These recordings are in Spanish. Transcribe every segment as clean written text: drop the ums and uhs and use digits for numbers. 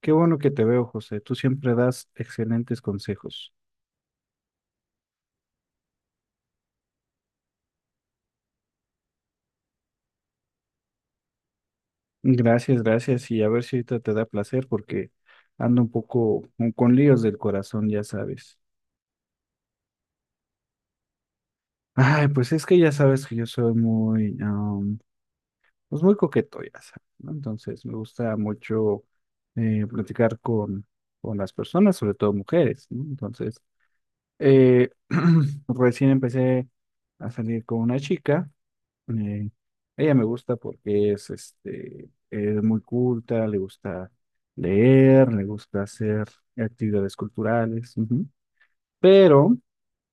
Qué bueno que te veo, José. Tú siempre das excelentes consejos. Gracias, gracias. Y a ver si ahorita te da placer porque ando un poco con líos del corazón, ya sabes. Ay, pues es que ya sabes que yo soy pues muy coqueto, ya sabes, ¿no? Entonces me gusta mucho platicar con las personas, sobre todo mujeres, ¿no? Entonces, eh, recién empecé a salir con una chica. Eh, Ella me gusta porque es, este, es muy culta, le gusta leer, le gusta hacer actividades culturales, ujú. Pero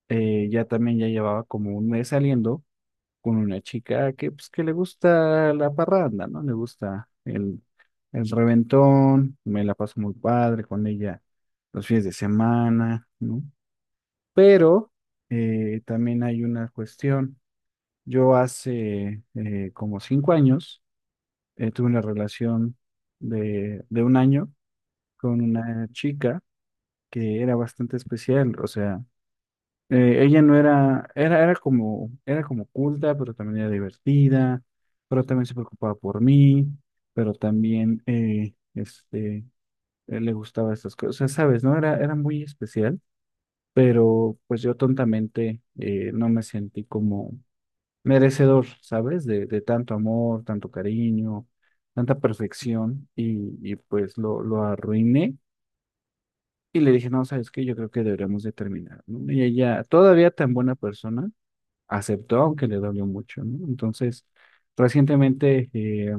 ya también ya llevaba como un mes saliendo con una chica que, pues, que le gusta la parranda, ¿no? Le gusta el reventón, me la paso muy padre con ella los fines de semana, ¿no? Pero también hay una cuestión. Yo hace como 5 años, tuve una relación de un año con una chica que era bastante especial, o sea, ella no era, era como culta, pero también era divertida, pero también se preocupaba por mí, pero también, le gustaba estas cosas, ¿sabes? No, era muy especial, pero pues yo tontamente no me sentí como merecedor, ¿sabes? De tanto amor, tanto cariño, tanta perfección y pues lo arruiné y le dije, no, ¿sabes qué? Yo creo que deberíamos de terminar, ¿no? Y ella, todavía tan buena persona, aceptó, aunque le dolió mucho, ¿no? Entonces, recientemente, eh,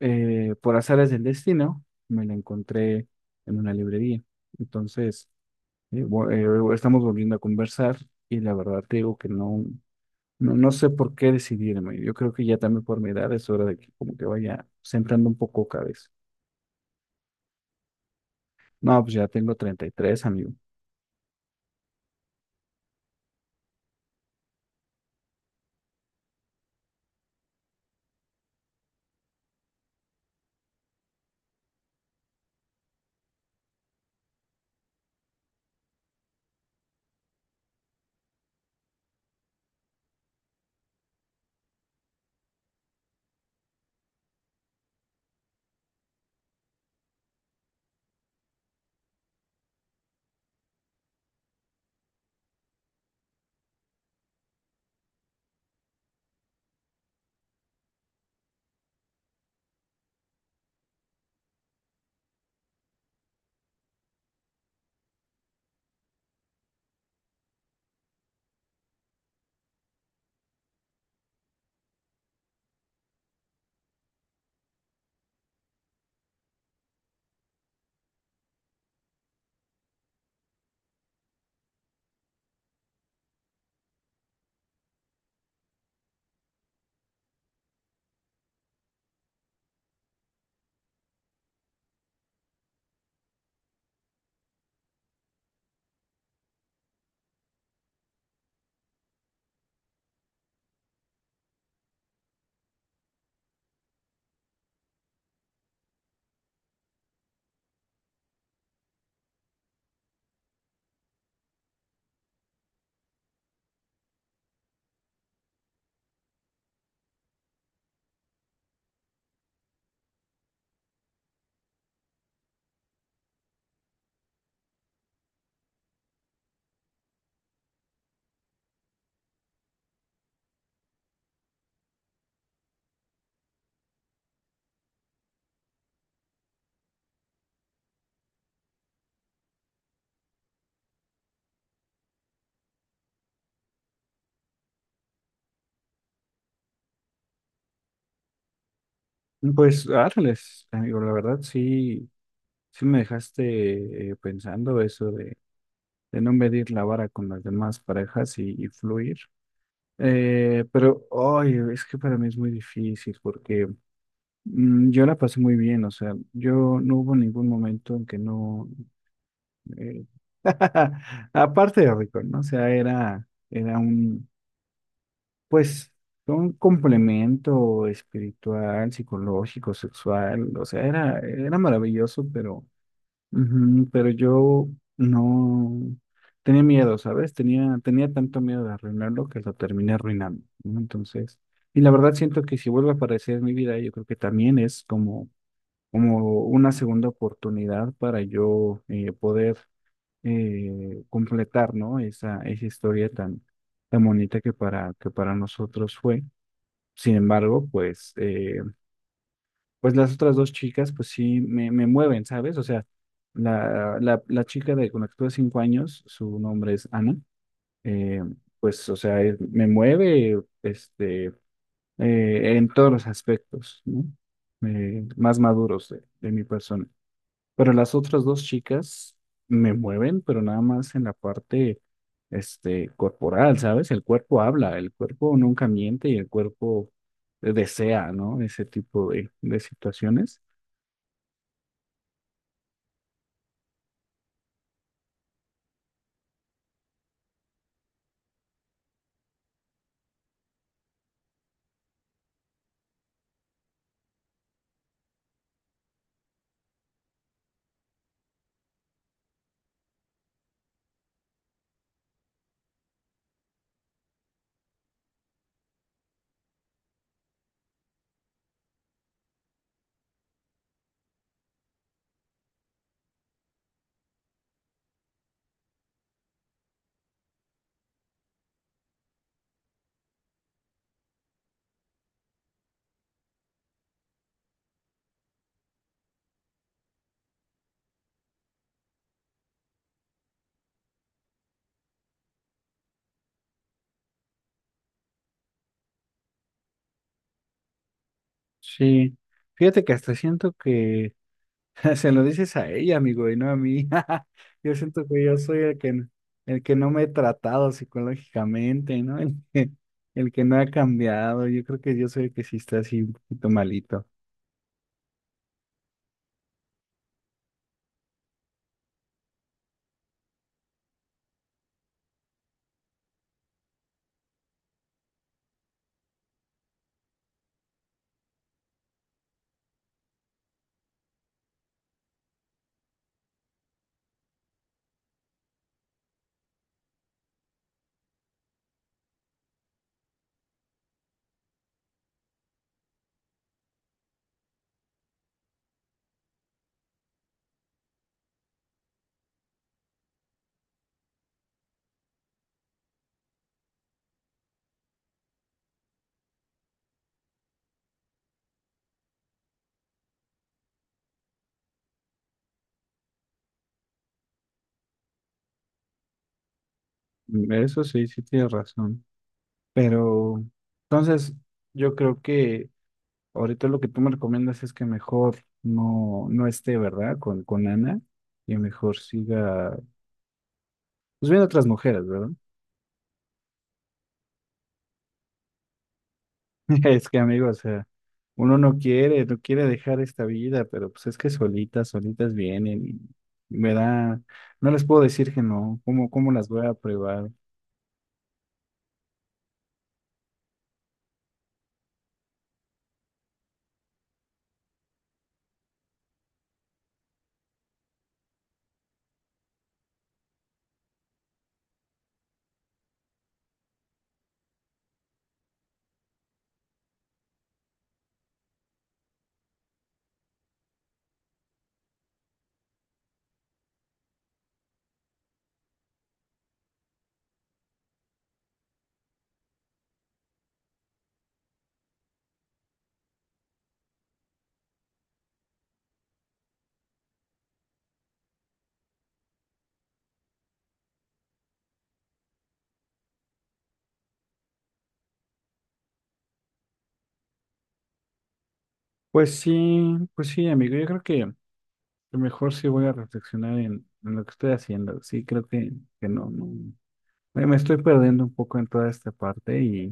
eh, por azares del destino, me la encontré en una librería. Entonces, estamos volviendo a conversar y la verdad te digo que no. No, no sé por qué decidirme. Yo creo que ya también por mi edad es hora de que como que vaya centrando un poco cabeza. No, pues ya tengo 33, amigo. Pues árales, amigo, la verdad sí, sí me dejaste pensando eso de no medir la vara con las demás parejas y fluir. Pero, ay, es que para mí es muy difícil porque yo la pasé muy bien, o sea, yo no hubo ningún momento en que no, eh, aparte de rico, ¿no? O sea, era un, pues, un complemento espiritual, psicológico, sexual, o sea, era maravilloso, pero, ujú, pero yo no tenía miedo, ¿sabes? Tenía tanto miedo de arruinarlo que lo terminé arruinando, ¿no? Entonces, y la verdad siento que si vuelve a aparecer en mi vida, yo creo que también es como, como una segunda oportunidad para yo poder completar, ¿no? Esa historia tan bonita que para nosotros fue. Sin embargo, pues las otras dos chicas, pues sí me mueven, ¿sabes? O sea, la chica de, con la que tuve 5 años, su nombre es Ana. eh, pues, o sea, me mueve, este, en todos los aspectos, ¿no? Más maduros de mi persona. Pero las otras dos chicas me mueven, pero nada más en la parte, este, corporal, ¿sabes? El cuerpo habla, el cuerpo nunca miente y el cuerpo desea, ¿no? Ese tipo de situaciones. Sí. Fíjate que hasta siento que se lo dices a ella, amigo, y no a mí. Yo siento que yo soy el que no me he tratado psicológicamente, ¿no? El que no ha cambiado. Yo creo que yo soy el que sí está así un poquito malito. Eso sí, sí tienes razón. Pero entonces yo creo que ahorita lo que tú me recomiendas es que mejor no esté, ¿verdad? Con Ana y mejor siga, pues viendo otras mujeres, ¿verdad? Es que amigo, o sea, uno no quiere, no quiere dejar esta vida, pero pues es que solitas, solitas vienen y me da, no les puedo decir que no, ¿cómo las voy a probar? Pues sí, amigo, yo creo que, lo mejor sí voy a reflexionar en lo que estoy haciendo. Sí, creo que no, no. Me estoy perdiendo un poco en toda esta parte y,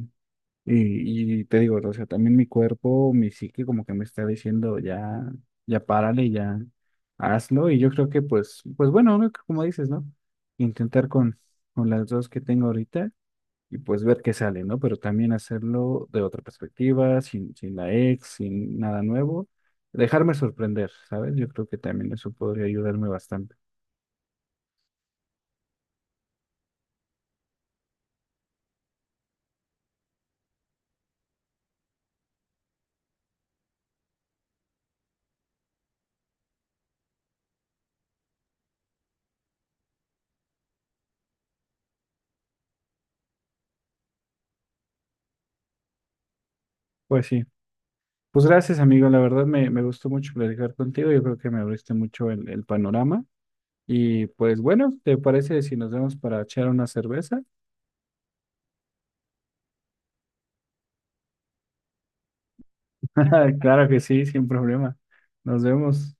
y, y te digo, o sea, también mi cuerpo, mi psique como que me está diciendo ya, ya párale, ya hazlo. Y yo creo que pues bueno, ¿no? Como dices, ¿no? Intentar con las dos que tengo ahorita y pues ver qué sale, ¿no? Pero también hacerlo de otra perspectiva, sin la ex, sin nada nuevo. Dejarme sorprender, ¿sabes? Yo creo que también eso podría ayudarme bastante. Pues sí. Pues gracias, amigo. La verdad me gustó mucho platicar contigo. Yo creo que me abriste mucho el panorama. Y pues bueno, ¿te parece si nos vemos para echar una cerveza? Claro que sí, sin problema. Nos vemos.